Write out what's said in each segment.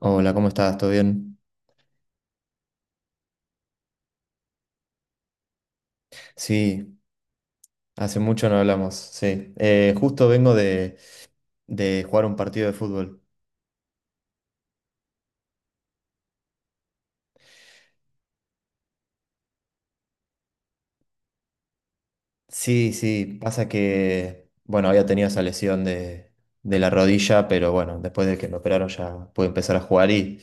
Hola, ¿cómo estás? ¿Todo bien? Sí, hace mucho no hablamos, sí. Justo vengo de jugar un partido de fútbol. Sí, sí, pasa que, bueno, había tenido esa lesión de la rodilla, pero bueno, después de que me operaron ya pude empezar a jugar y,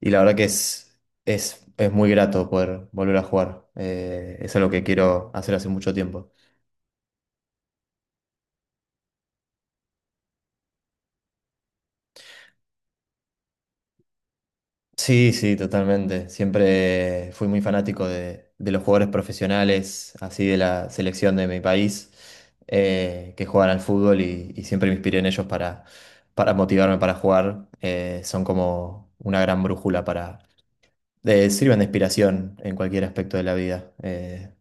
y la verdad que es muy grato poder volver a jugar. Es algo que quiero hacer hace mucho tiempo. Sí, sí, totalmente. Siempre fui muy fanático de los jugadores profesionales, así de la selección de mi país, que juegan al fútbol y siempre me inspiré en ellos para motivarme para jugar. Son como una gran brújula Sirven de inspiración en cualquier aspecto de la vida.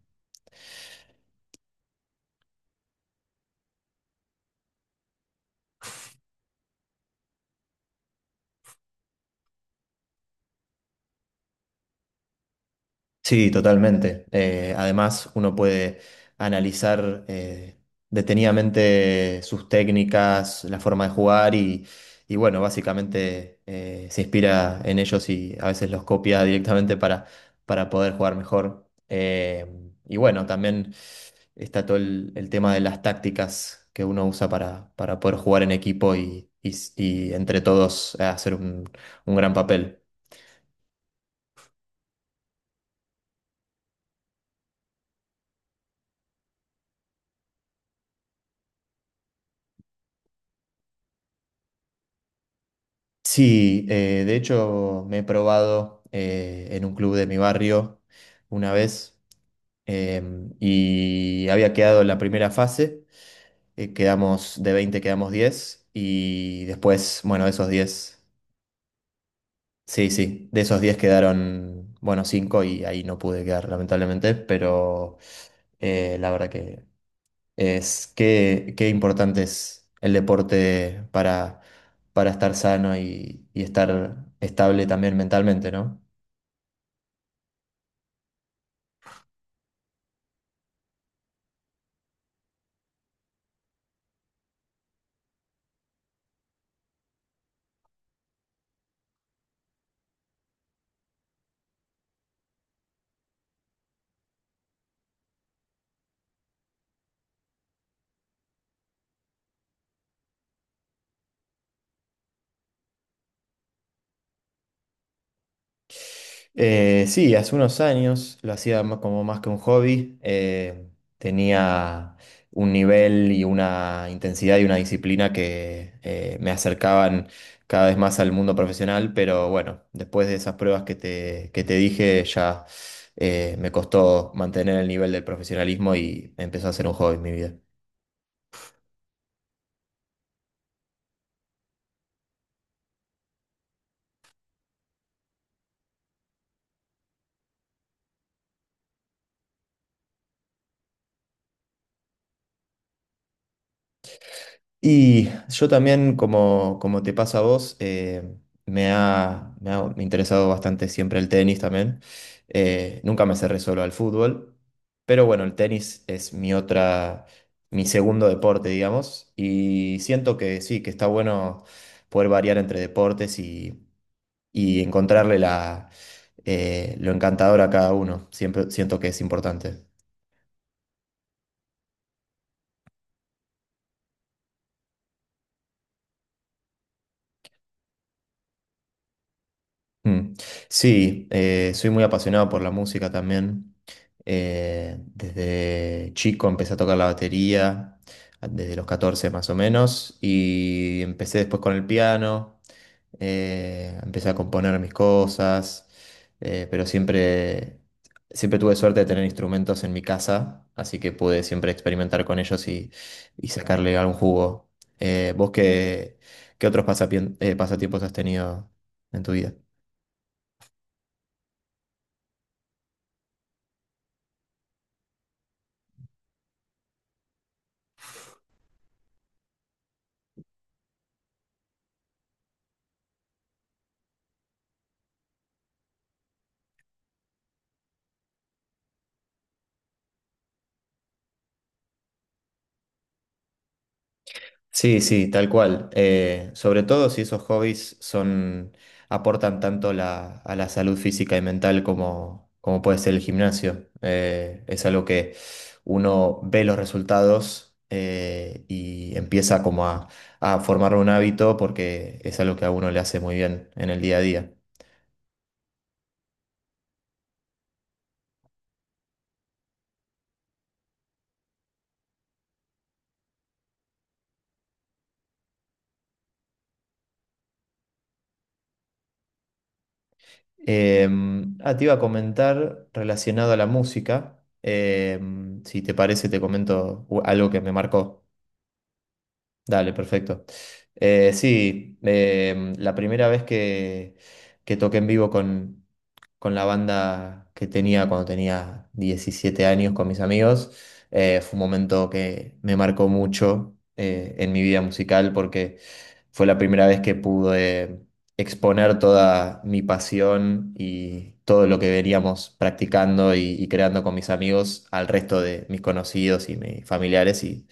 Sí, totalmente. Además, uno puede analizar detenidamente sus técnicas, la forma de jugar y bueno, básicamente se inspira en ellos y a veces los copia directamente para poder jugar mejor. Y bueno, también está todo el tema de las tácticas que uno usa para poder jugar en equipo y entre todos hacer un gran papel. Sí, de hecho me he probado en un club de mi barrio una vez, y había quedado en la primera fase. Quedamos de 20, quedamos 10 y después, bueno, esos 10, sí, sí, de esos 10 quedaron, bueno, 5 y ahí no pude quedar lamentablemente, pero la verdad que es que qué importante es el deporte para estar sano y estar estable también mentalmente, ¿no? Sí, hace unos años lo hacía como más que un hobby. Tenía un nivel y una intensidad y una disciplina que me acercaban cada vez más al mundo profesional, pero bueno, después de esas pruebas que te dije, ya me costó mantener el nivel del profesionalismo y empezó a ser un hobby en mi vida. Y yo también, como te pasa a vos, me ha interesado bastante siempre el tenis también. Nunca me cerré solo al fútbol, pero bueno, el tenis es mi segundo deporte, digamos, y siento que sí, que está bueno poder variar entre deportes y encontrarle lo encantador a cada uno. Siempre siento que es importante. Mm. Sí, soy muy apasionado por la música también. Desde chico empecé a tocar la batería, desde los 14 más o menos, y empecé después con el piano. Empecé a componer mis cosas, pero siempre, siempre tuve suerte de tener instrumentos en mi casa, así que pude siempre experimentar con ellos y sacarle algún jugo. ¿Vos qué otros pasatiempos has tenido en tu vida? Sí, sí, tal cual. Sobre todo si esos hobbies son, aportan tanto a la salud física y mental como puede ser el gimnasio. Es algo que uno ve los resultados y empieza como a formar un hábito porque es algo que a uno le hace muy bien en el día a día. Ah, te iba a comentar relacionado a la música. Si te parece, te comento algo que me marcó. Dale, perfecto. Sí, la primera vez que toqué en vivo con la banda que tenía cuando tenía 17 años con mis amigos, fue un momento que me marcó mucho en mi vida musical, porque fue la primera vez que pude exponer toda mi pasión y todo lo que veníamos practicando y creando con mis amigos al resto de mis conocidos y mis familiares, y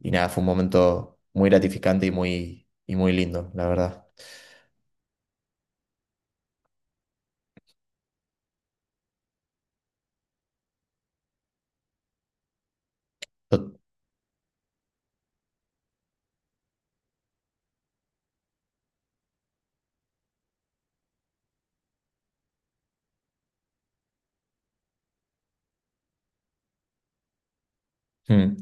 y nada, fue un momento muy gratificante y muy lindo, la verdad. Tot- Mm.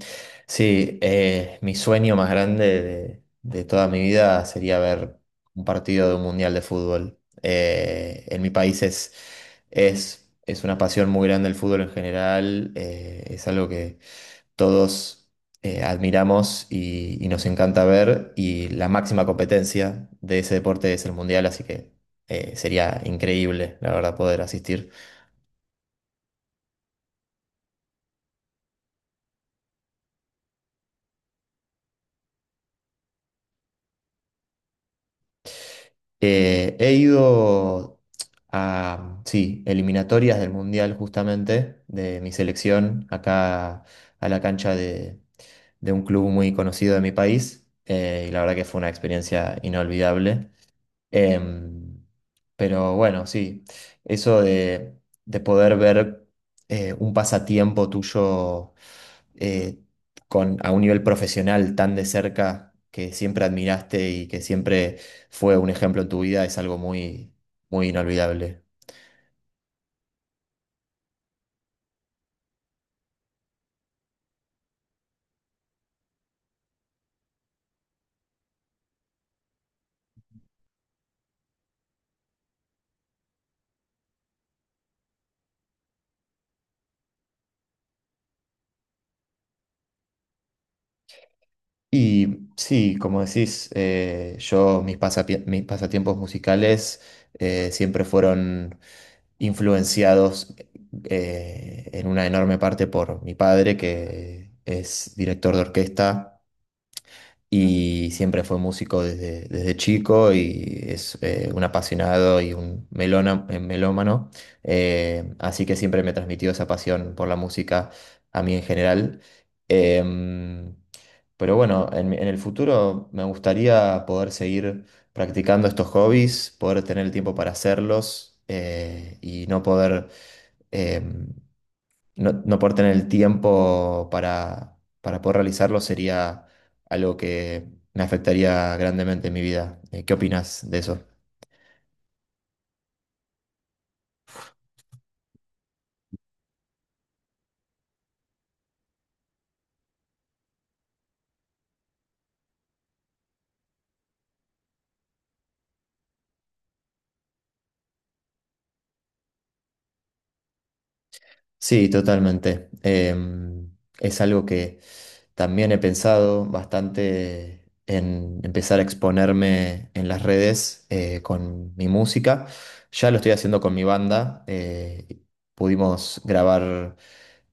Sí, mi sueño más grande de toda mi vida sería ver un partido de un mundial de fútbol. En mi país es una pasión muy grande el fútbol en general. Es algo que todos admiramos y nos encanta ver, y la máxima competencia de ese deporte es el mundial, así que sería increíble, la verdad, poder asistir. He ido a, sí, eliminatorias del Mundial justamente, de mi selección, acá a la cancha de un club muy conocido de mi país, y la verdad que fue una experiencia inolvidable. Em, pero bueno, sí, eso de poder ver un pasatiempo tuyo eh, a un nivel profesional tan de cerca que siempre admiraste y que siempre fue un ejemplo en tu vida, es algo muy, muy inolvidable. Y sí, como decís, yo, mis pasatiempos musicales siempre fueron influenciados, en una enorme parte, por mi padre, que es director de orquesta y siempre fue músico desde chico y es un apasionado y un melómano, así que siempre me transmitió esa pasión por la música a mí en general. Em, pero bueno, en el futuro me gustaría poder seguir practicando estos hobbies, poder tener el tiempo para hacerlos. Eh, y no poder... em, no, no por tener el tiempo para poder realizarlo sería algo que me afectaría grandemente en mi vida. ¿Qué opinas de eso? Sí, totalmente. Es algo que también he pensado bastante, en empezar a exponerme en las redes con mi música. Ya lo estoy haciendo con mi banda. Pudimos grabar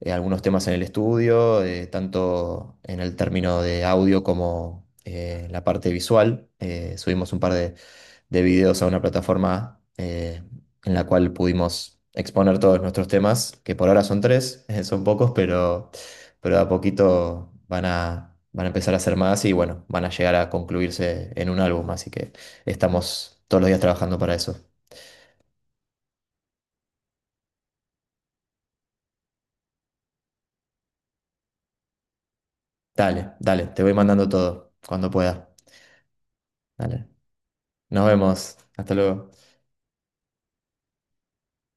algunos temas en el estudio, tanto en el término de audio como la parte visual. Subimos un par de videos a una plataforma, en la cual pudimos exponer todos nuestros temas, que por ahora son tres, son pocos, pero de a poquito van a, van a empezar a ser más y bueno, van a llegar a concluirse en un álbum, así que estamos todos los días trabajando para eso. Dale, dale, te voy mandando todo cuando pueda. Dale. Nos vemos. Hasta luego.